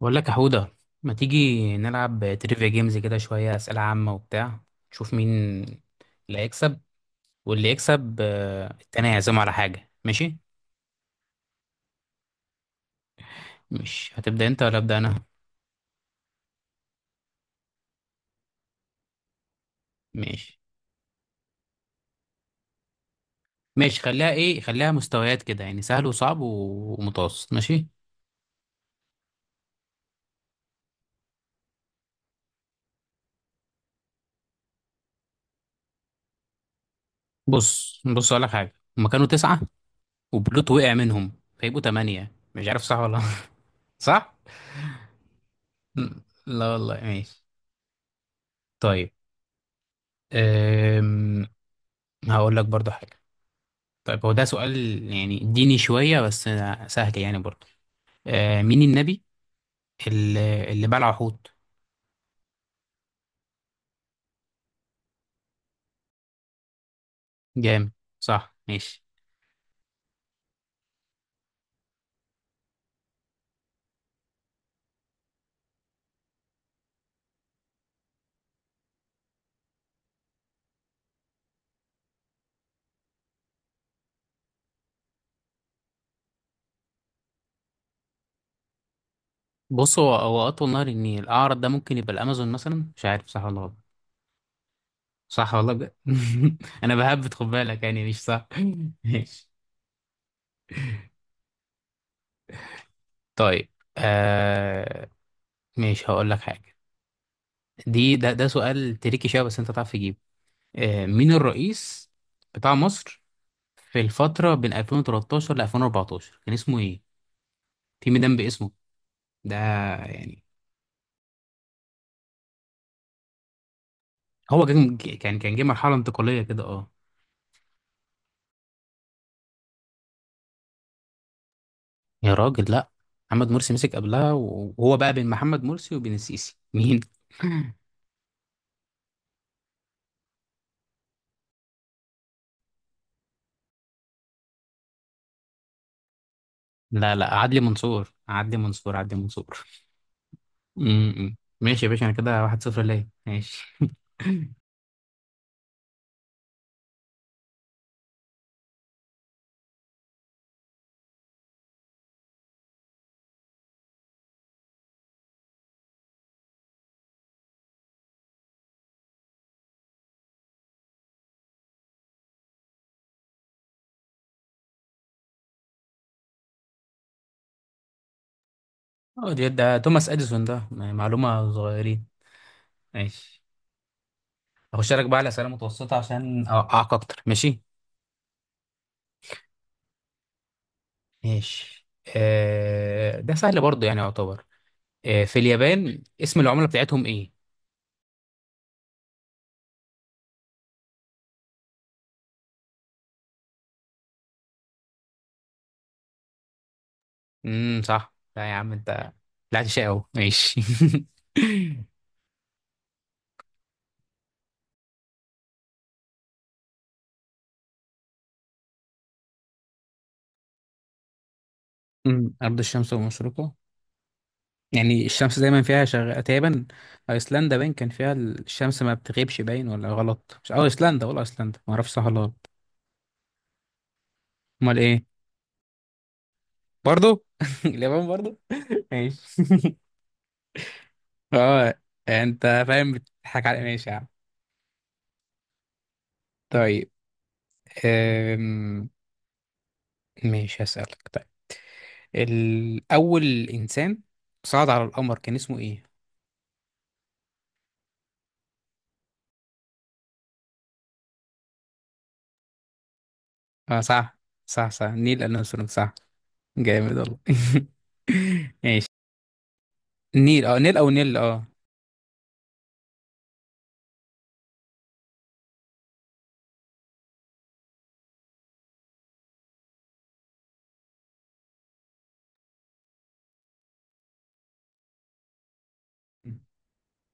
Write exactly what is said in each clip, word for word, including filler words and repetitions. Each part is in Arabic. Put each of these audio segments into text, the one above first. بقول لك يا حودة، ما تيجي نلعب تريفيا جيمز كده شوية أسئلة عامة وبتاع نشوف مين اللي هيكسب، واللي يكسب، آه، التاني هيعزمه على حاجة. ماشي. مش هتبدأ انت ولا أبدأ أنا؟ ماشي ماشي. خليها ايه، خليها مستويات كده يعني سهل وصعب و- ومتوسط. ماشي. بص بص، أقول لك حاجة. هما كانوا تسعة وبلوت وقع منهم فيبقوا تمانية، مش عارف صح ولا. صح؟ لا والله، ماشي. طيب. أم... هقول لك برضو حاجة. طيب، هو ده سؤال يعني ديني شوية بس، سهل يعني برضه. آه، مين النبي اللي, اللي بلع حوت. جامد، صح، ماشي. بص، هو هو أطول نهر النيل، الأعرض ده ممكن يبقى الأمازون مثلا، مش عارف صح ولا غلط. صح والله بجد، أنا بهبت، خد بالك يعني مش صح. ماشي. طيب. آه، ماشي هقول لك حاجة. دي ده ده سؤال تريكي شوية بس أنت تعرف تجيبه. آه، مين الرئيس بتاع مصر في الفترة بين ألفين وتلتاشر ل ألفين وأربعة عشر كان اسمه إيه؟ في ميدان باسمه ده يعني. هو كان كان كان جه مرحله انتقاليه كده، اه. يا راجل لا، محمد مرسي مسك قبلها وهو بقى بين محمد مرسي وبين السيسي مين. لا لا، عدلي منصور، عدلي منصور، عدلي منصور. امم، ماشي يا باشا، انا كده واحد صفر ليا، ماشي. اه، ده ده توماس اديسون، ده يعني معلومه صغيرين. ماشي. هخش لك بقى على اسئله متوسطه عشان اوقعك اكتر، ماشي. ماشي. آه، ده سهل برضه يعني يعتبر. آه، في اليابان اسم العملة بتاعتهم ايه؟ امم صح، لا يا عم انت طلعت شقي اهو، ماشي. أمم، أرض الشمس ومشرقها، يعني الشمس دايما فيها شغ... تقريبا. أيسلندا باين كان فيها الشمس ما بتغيبش، باين ولا غلط، مش أه أيسلندا ولا أيسلندا، ما أعرفش صح ولا غلط. أمال إيه. برضو اليابان برضو. ماشي. أه، أنت فاهم بتضحك على، ماشي يا عم. طيب. أم... ماشي هسألك طيب. الأول إنسان صعد على القمر كان اسمه إيه؟ آه، صح صح صح، نيل أرمسترونج، صح. جامد والله. ماشي. نيل، اه نيل أو نيل، اه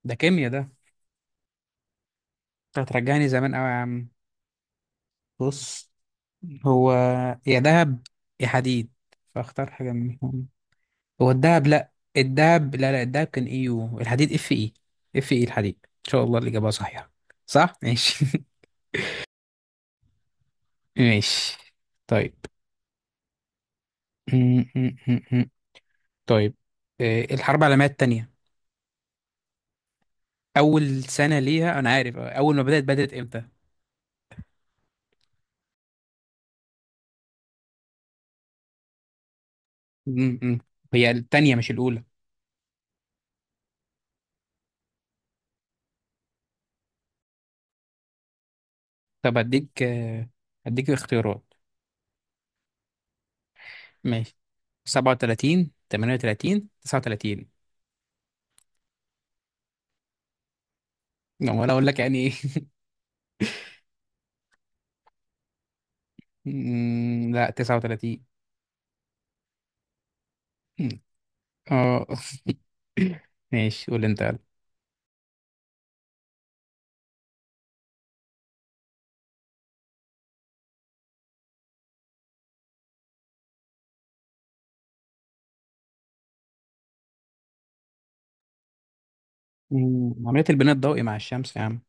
ده كيميا ده. أنت هترجعني زمان أوي يا عم. بص، هو يا دهب يا حديد، فاختار حاجة منهم. هو الدهب لأ، الدهب لا لا، الدهب كان إيه، يو الحديد اف اي. اف اي الحديد، إن شاء الله الإجابة صحيحة. صح؟ ماشي. ماشي. طيب. طيب. آه، الحرب العالمية التانية أول سنة ليها أنا عارف، آه، أول ما بدأت بدأت إمتى؟ م- م. هي التانية مش الأولى. طب أديك، آه، أديك اختيارات. ماشي. سبعة وتلاتين، ثمانية وثلاثين، تسعة وتلاتين. لا، ولا أقول لك يعني إيه. م، لا تسعة وتلاتين. م. أه. ماشي قول أنت يلا. م، عملية البناء الضوئي مع الشمس يا عم.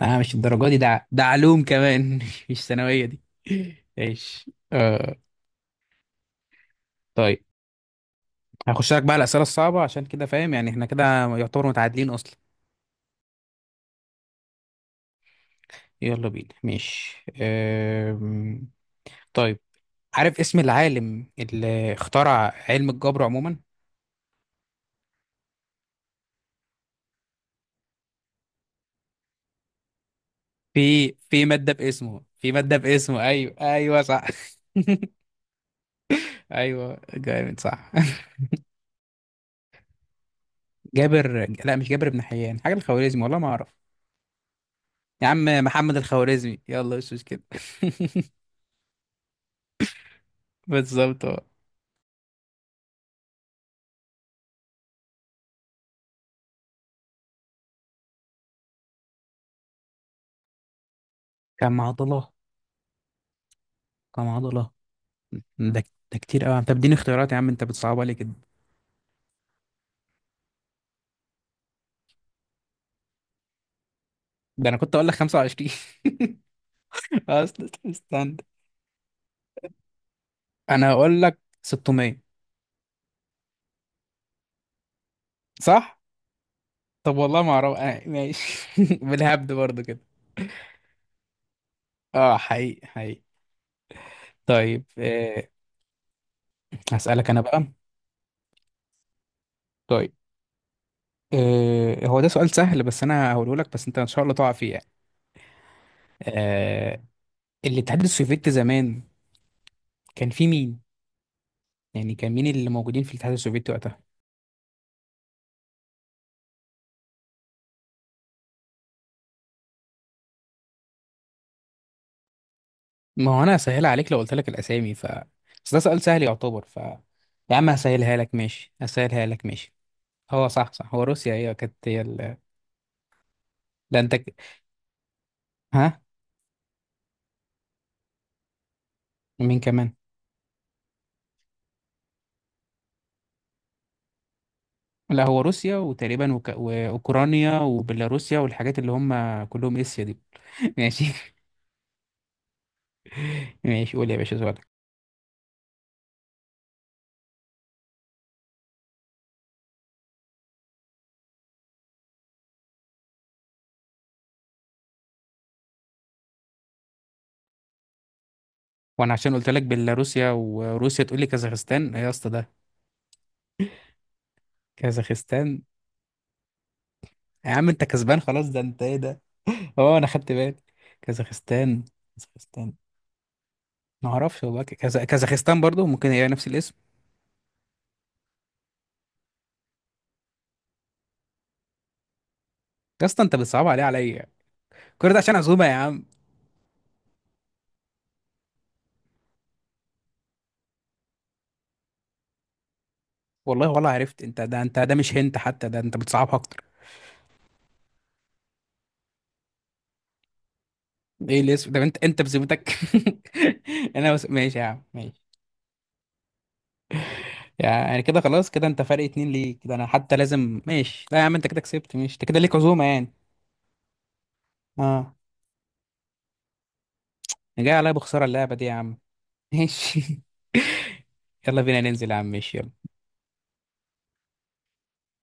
لا مش الدرجة دي، ده ده علوم كمان، مش ثانوية دي. ماشي، أه. طيب. هخش لك بقى الأسئلة الصعبة عشان كده فاهم، يعني احنا كده يعتبر متعادلين أصلا. يلا بينا ماشي. أم... طيب، عارف اسم العالم اللي اخترع علم الجبر عموما. في في مادة باسمه في مادة باسمه، أيوه أيوه، صح. أيوه، جامد، صح. جابر، لا مش جابر بن حيان، حاجة الخوارزمي، والله ما أعرف. يا عم محمد الخوارزمي، يلا مش كده. بالظبط أهو. كم عضلة كم عضلة ده ده كتير قوي، طب اديني اختيارات يا عم، انت بتصعبها لي كده. ده انا كنت اقول لك خمسة وعشرين. أست- استنى. انا هقول لك ستمية. صح. طب والله ما اعرف، آه ماشي، بالهبد برضو كده. اه، حقيقي حقيقي. طيب. آه، هسألك انا بقى. طيب، آه، هو ده سؤال سهل بس انا هقوله لك بس انت ان شاء الله تقع فيه يعني. آه، الاتحاد السوفيتي زمان كان فيه مين، يعني كان مين اللي موجودين في الاتحاد السوفيتي وقتها. ما هو انا هسهلها عليك لو قلت لك الاسامي ف، بس ده سؤال سهل يعتبر ف، يا عم هسهلها لك ماشي هسهلها لك ماشي. هو صح صح، هو روسيا هي كانت هي ال... لا انت ك-. ها. مين كمان. لا هو روسيا وتقريبا وك... واوكرانيا وبيلاروسيا، والحاجات اللي هم كلهم اسيا دي. ماشي. ماشي، قول يا باشا سؤالك. وانا عشان قلت لك بيلاروسيا وروسيا تقول لي كازاخستان، ايه يا اسطى ده. كازاخستان، يا عم انت كسبان خلاص، ده انت ايه ده. اه انا خدت بالي. كازاخستان. كازاخستان، ما اعرفش هو بقى كذا... كازاخستان برضو ممكن هي نفس الاسم. يا اسطى انت بتصعب عليه عليا. كل ده عشان عزومه يا عم. والله ولا عرفت، انت ده انت ده مش هنت حتى، ده انت بتصعبها اكتر. ايه الاسم ده، انت انت بذمتك. انا بس ماشي يا عم ماشي. يعني كده خلاص، كده انت فرق اتنين ليك كده، انا حتى لازم ماشي، لا يا عم انت كده كسبت، ماشي انت كده ليك عزومة يعني. اه. انا جاي عليا بخسارة اللعبة دي يا عم. ماشي. يلا بينا ننزل يا عم، ماشي يلا.